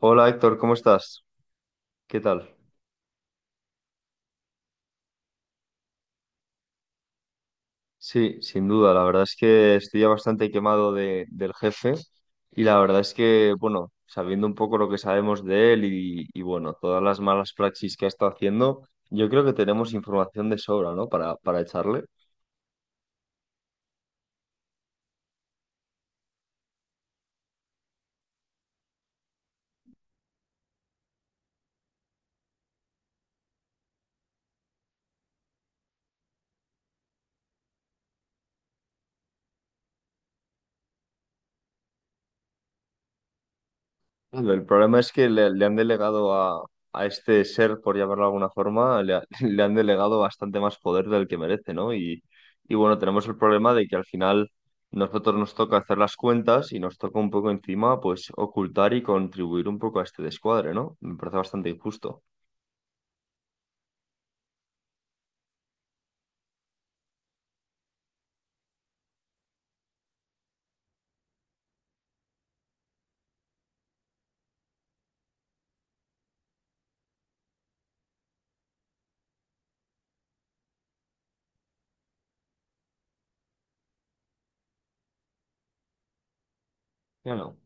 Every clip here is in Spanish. Hola Héctor, ¿cómo estás? ¿Qué tal? Sí, sin duda, la verdad es que estoy ya bastante quemado del jefe y la verdad es que, bueno, sabiendo un poco lo que sabemos de él y, bueno, todas las malas praxis que ha estado haciendo, yo creo que tenemos información de sobra, ¿no? Para echarle. Claro, el problema es que le han delegado a este ser, por llamarlo de alguna forma, le han delegado bastante más poder del que merece, ¿no? Y bueno, tenemos el problema de que al final nosotros nos toca hacer las cuentas y nos toca un poco encima, pues, ocultar y contribuir un poco a este descuadre, ¿no? Me parece bastante injusto. Claro.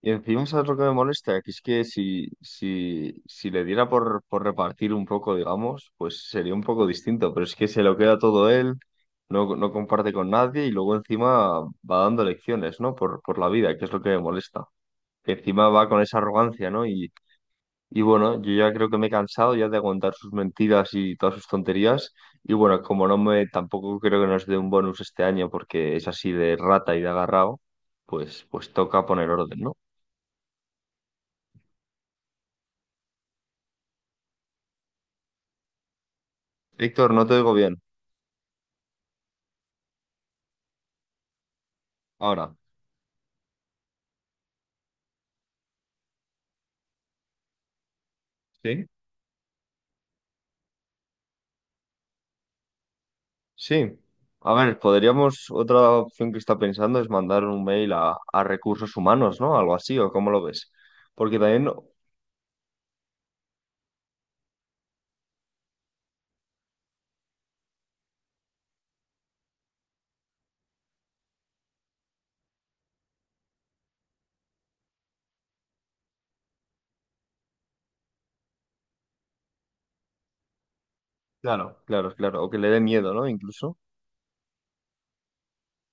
Y encima, ¿sabes lo que me molesta? Que es que si le diera por repartir un poco, digamos, pues sería un poco distinto, pero es que se lo queda todo él, no comparte con nadie y luego encima va dando lecciones, ¿no? Por la vida, que es lo que me molesta. Que encima va con esa arrogancia, ¿no? Y bueno, yo ya creo que me he cansado ya de aguantar sus mentiras y todas sus tonterías. Y bueno, como no me, tampoco creo que nos dé un bonus este año porque es así de rata y de agarrado, pues, pues toca poner orden, ¿no? Víctor, no te oigo bien. Ahora. ¿Sí? Sí. A ver, podríamos, otra opción que está pensando es mandar un mail a recursos humanos, ¿no? Algo así, ¿o cómo lo ves? Porque también, claro, claro, claro, o que le dé miedo, ¿no? Incluso,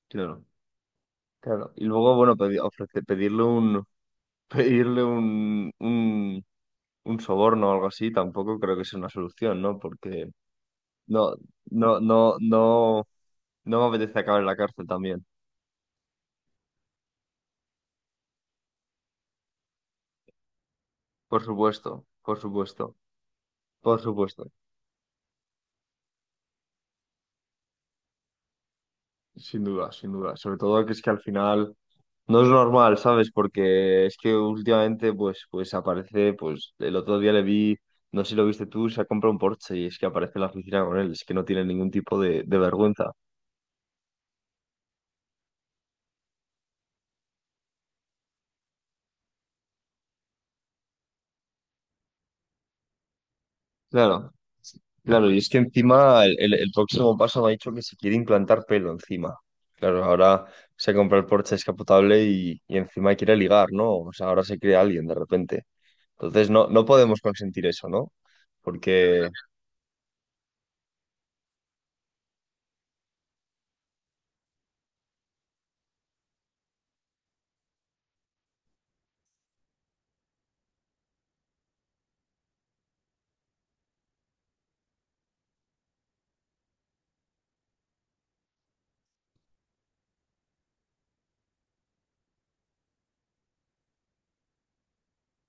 claro, claro. Y luego, bueno, pedirle un, pedirle un, un, un soborno o algo así, tampoco creo que sea una solución, ¿no? Porque no, no, no, no, no me apetece acabar en la cárcel también. Por supuesto, por supuesto, por supuesto. Sin duda, sin duda. Sobre todo que es que al final no es normal, ¿sabes? Porque es que últimamente, pues, pues aparece, pues, el otro día le vi, no sé si lo viste tú, se ha comprado un Porsche y es que aparece en la oficina con él, es que no tiene ningún tipo de vergüenza. Claro, claro, y es que encima el próximo paso me ha dicho que se quiere implantar pelo encima. Claro, ahora se compra el Porsche descapotable y encima quiere ligar, ¿no? O sea, ahora se cree alguien de repente. Entonces no, no podemos consentir eso, ¿no? Porque,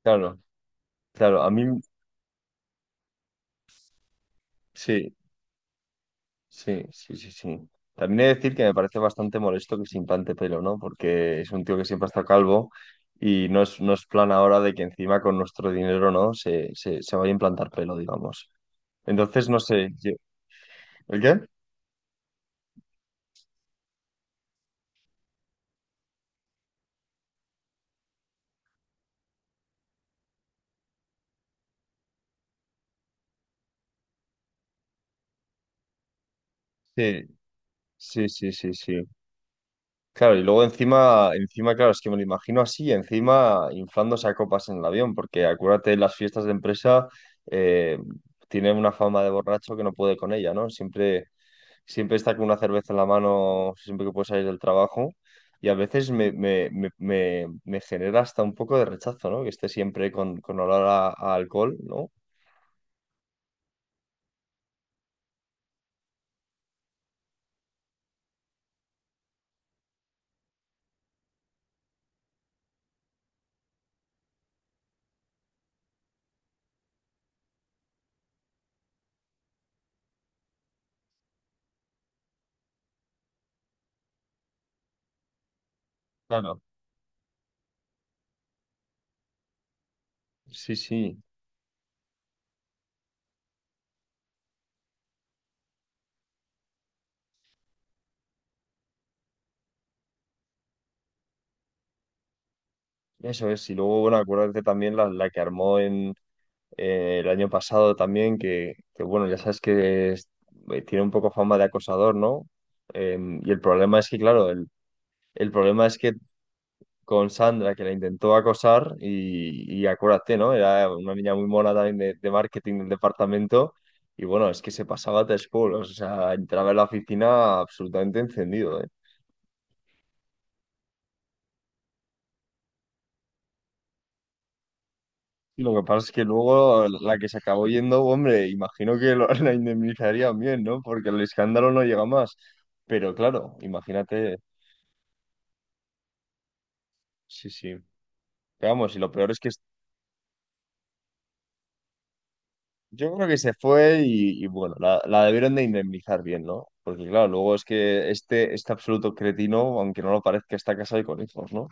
claro. Claro, a mí sí, sí, sí, sí, sí. También he de decir que me parece bastante molesto que se implante pelo, ¿no? Porque es un tío que siempre ha estado calvo y no es, no es plan ahora de que encima con nuestro dinero, ¿no? Se vaya a implantar pelo, digamos. Entonces, no sé, yo- ¿El qué? Sí, sí, sí, sí, sí. Claro, y luego encima, encima, claro, es que me lo imagino así, encima inflándose a copas en el avión, porque acuérdate, las fiestas de empresa eh, tiene una fama de borracho que no puede con ella, ¿no? Siempre siempre estar con una cerveza en la mano siempre que puedo salir del trabajo y a veces me genera hasta un poco de rechazo, ¿no? Que esté siempre con olor a alcohol, ¿no? Claro. Sí, sí, eso es. Y luego, bueno, acuérdate también la que armó en el año pasado también, bueno, ya sabes que es- tiene un poco fama de acosador, ¿no? Y el problema es que, claro, el problema es que con Sandra, que la intentó acosar, y acuérdate, ¿no? Era una niña muy mona también de marketing del departamento, y bueno, es que se pasaba tres pueblos, o sea, entraba en la oficina absolutamente encendido, ¿eh? Y lo que pasa es que luego la que se acabó yendo, hombre, imagino que la indemnizarían bien, ¿no? Porque el escándalo no llega más. Pero claro, imagínate, sí, sí. Pero vamos, y lo peor es que yo creo que se fue y bueno, la debieron de indemnizar bien, ¿no? Porque claro, luego es que este absoluto cretino, aunque no lo parezca, está casado y con hijos, ¿no?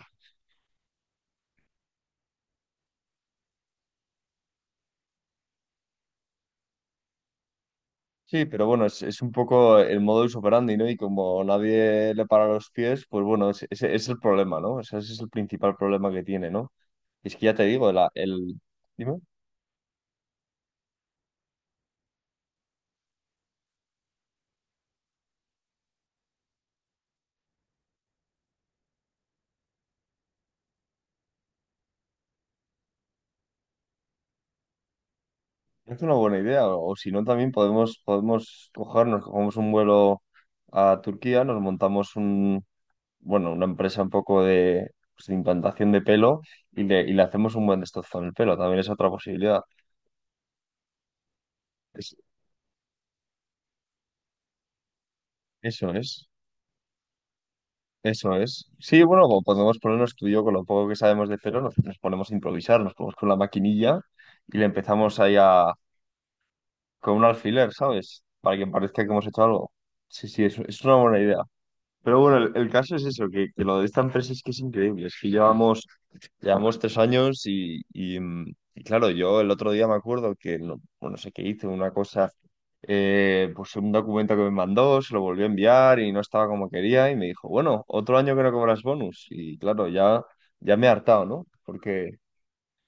Sí, pero bueno, es un poco el modus operandi, ¿no? Y como nadie le para los pies, pues bueno, ese ese es, el problema, ¿no? O sea, ese es el principal problema que tiene, ¿no? Es que ya te digo, la, el... Dime, es una buena idea, o si no, también podemos, podemos cogernos, cogemos un vuelo a Turquía, nos montamos un bueno, una empresa un poco de, pues, de implantación de pelo y le hacemos un buen destrozón en el pelo, también es otra posibilidad. Es- eso es, eso es. Sí, bueno, como podemos ponernos tú y yo con lo poco que sabemos de pelo, nos, nos ponemos a improvisar, nos ponemos con la maquinilla y le empezamos ahí a, con un alfiler, ¿sabes? Para que parezca que hemos hecho algo. Sí, sí, es una buena idea. Pero bueno, el caso es eso, que lo de esta empresa es que es increíble, es que llevamos llevamos 3 años y, y claro, yo el otro día me acuerdo que, no, bueno, no sé qué hice una cosa, pues un documento que me mandó, se lo volvió a enviar y no estaba como quería y me dijo, bueno, otro año que no cobras bonus. Y claro, ya, ya me he hartado, ¿no? Porque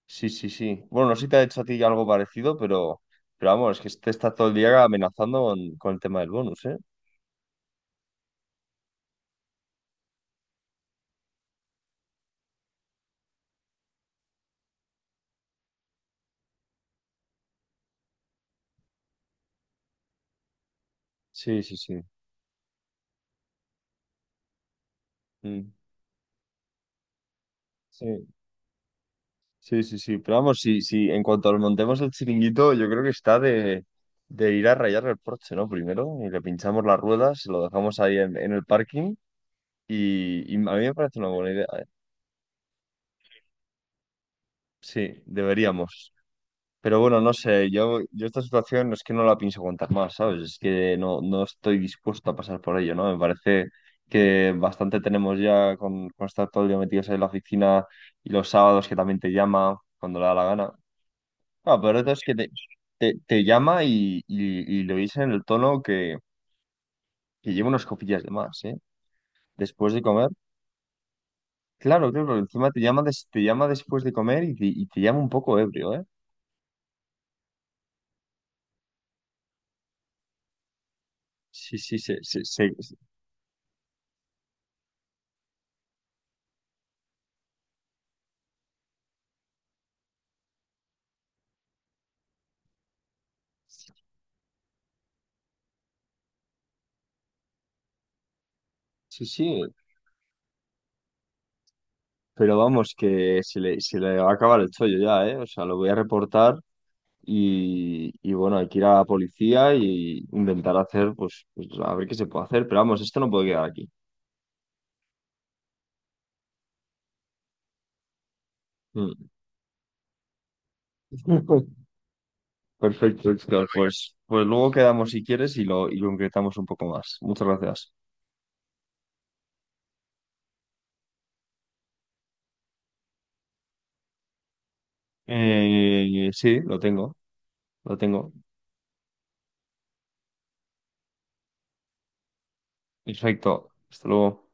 sí, sí, sí. Bueno, no sé si te ha hecho a ti algo parecido, pero vamos, es que este está todo el día amenazando con el tema del bonus, ¿eh? Sí, sí, sí. Mm, sí. Sí, sí, sí. Pero vamos, sí, sí. En cuanto lo montemos el chiringuito, yo creo que está de ir a rayar el Porsche, ¿no? Primero, y le pinchamos las ruedas, lo dejamos ahí en el parking. Y a mí me parece una buena idea, ¿eh? Sí, deberíamos. Pero bueno, no sé, yo esta situación no es que no la pienso contar más, ¿sabes? Es que no, no estoy dispuesto a pasar por ello, ¿no? Me parece que bastante tenemos ya con estar todo el día metidos ahí en la oficina y los sábados que también te llama cuando le da la gana. Ah, pero esto es que te llama y lo dice en el tono que lleva unas copillas de más, ¿eh? Después de comer. Claro, claro, encima te llama, te llama después de comer y te llama un poco ebrio, ¿eh? Sí, sí, sí, sí, sí, sí, sí. Pero vamos, que se le va a acabar el chollo ya, ¿eh? O sea, lo voy a reportar y bueno, hay que ir a la policía y intentar hacer, pues, pues, a ver qué se puede hacer. Pero vamos, esto no puede quedar aquí. Mm. Perfecto, Héctor. Pues, pues luego quedamos si quieres y lo concretamos un poco más. Muchas gracias. Sí, lo tengo, lo tengo. Perfecto. Hasta luego.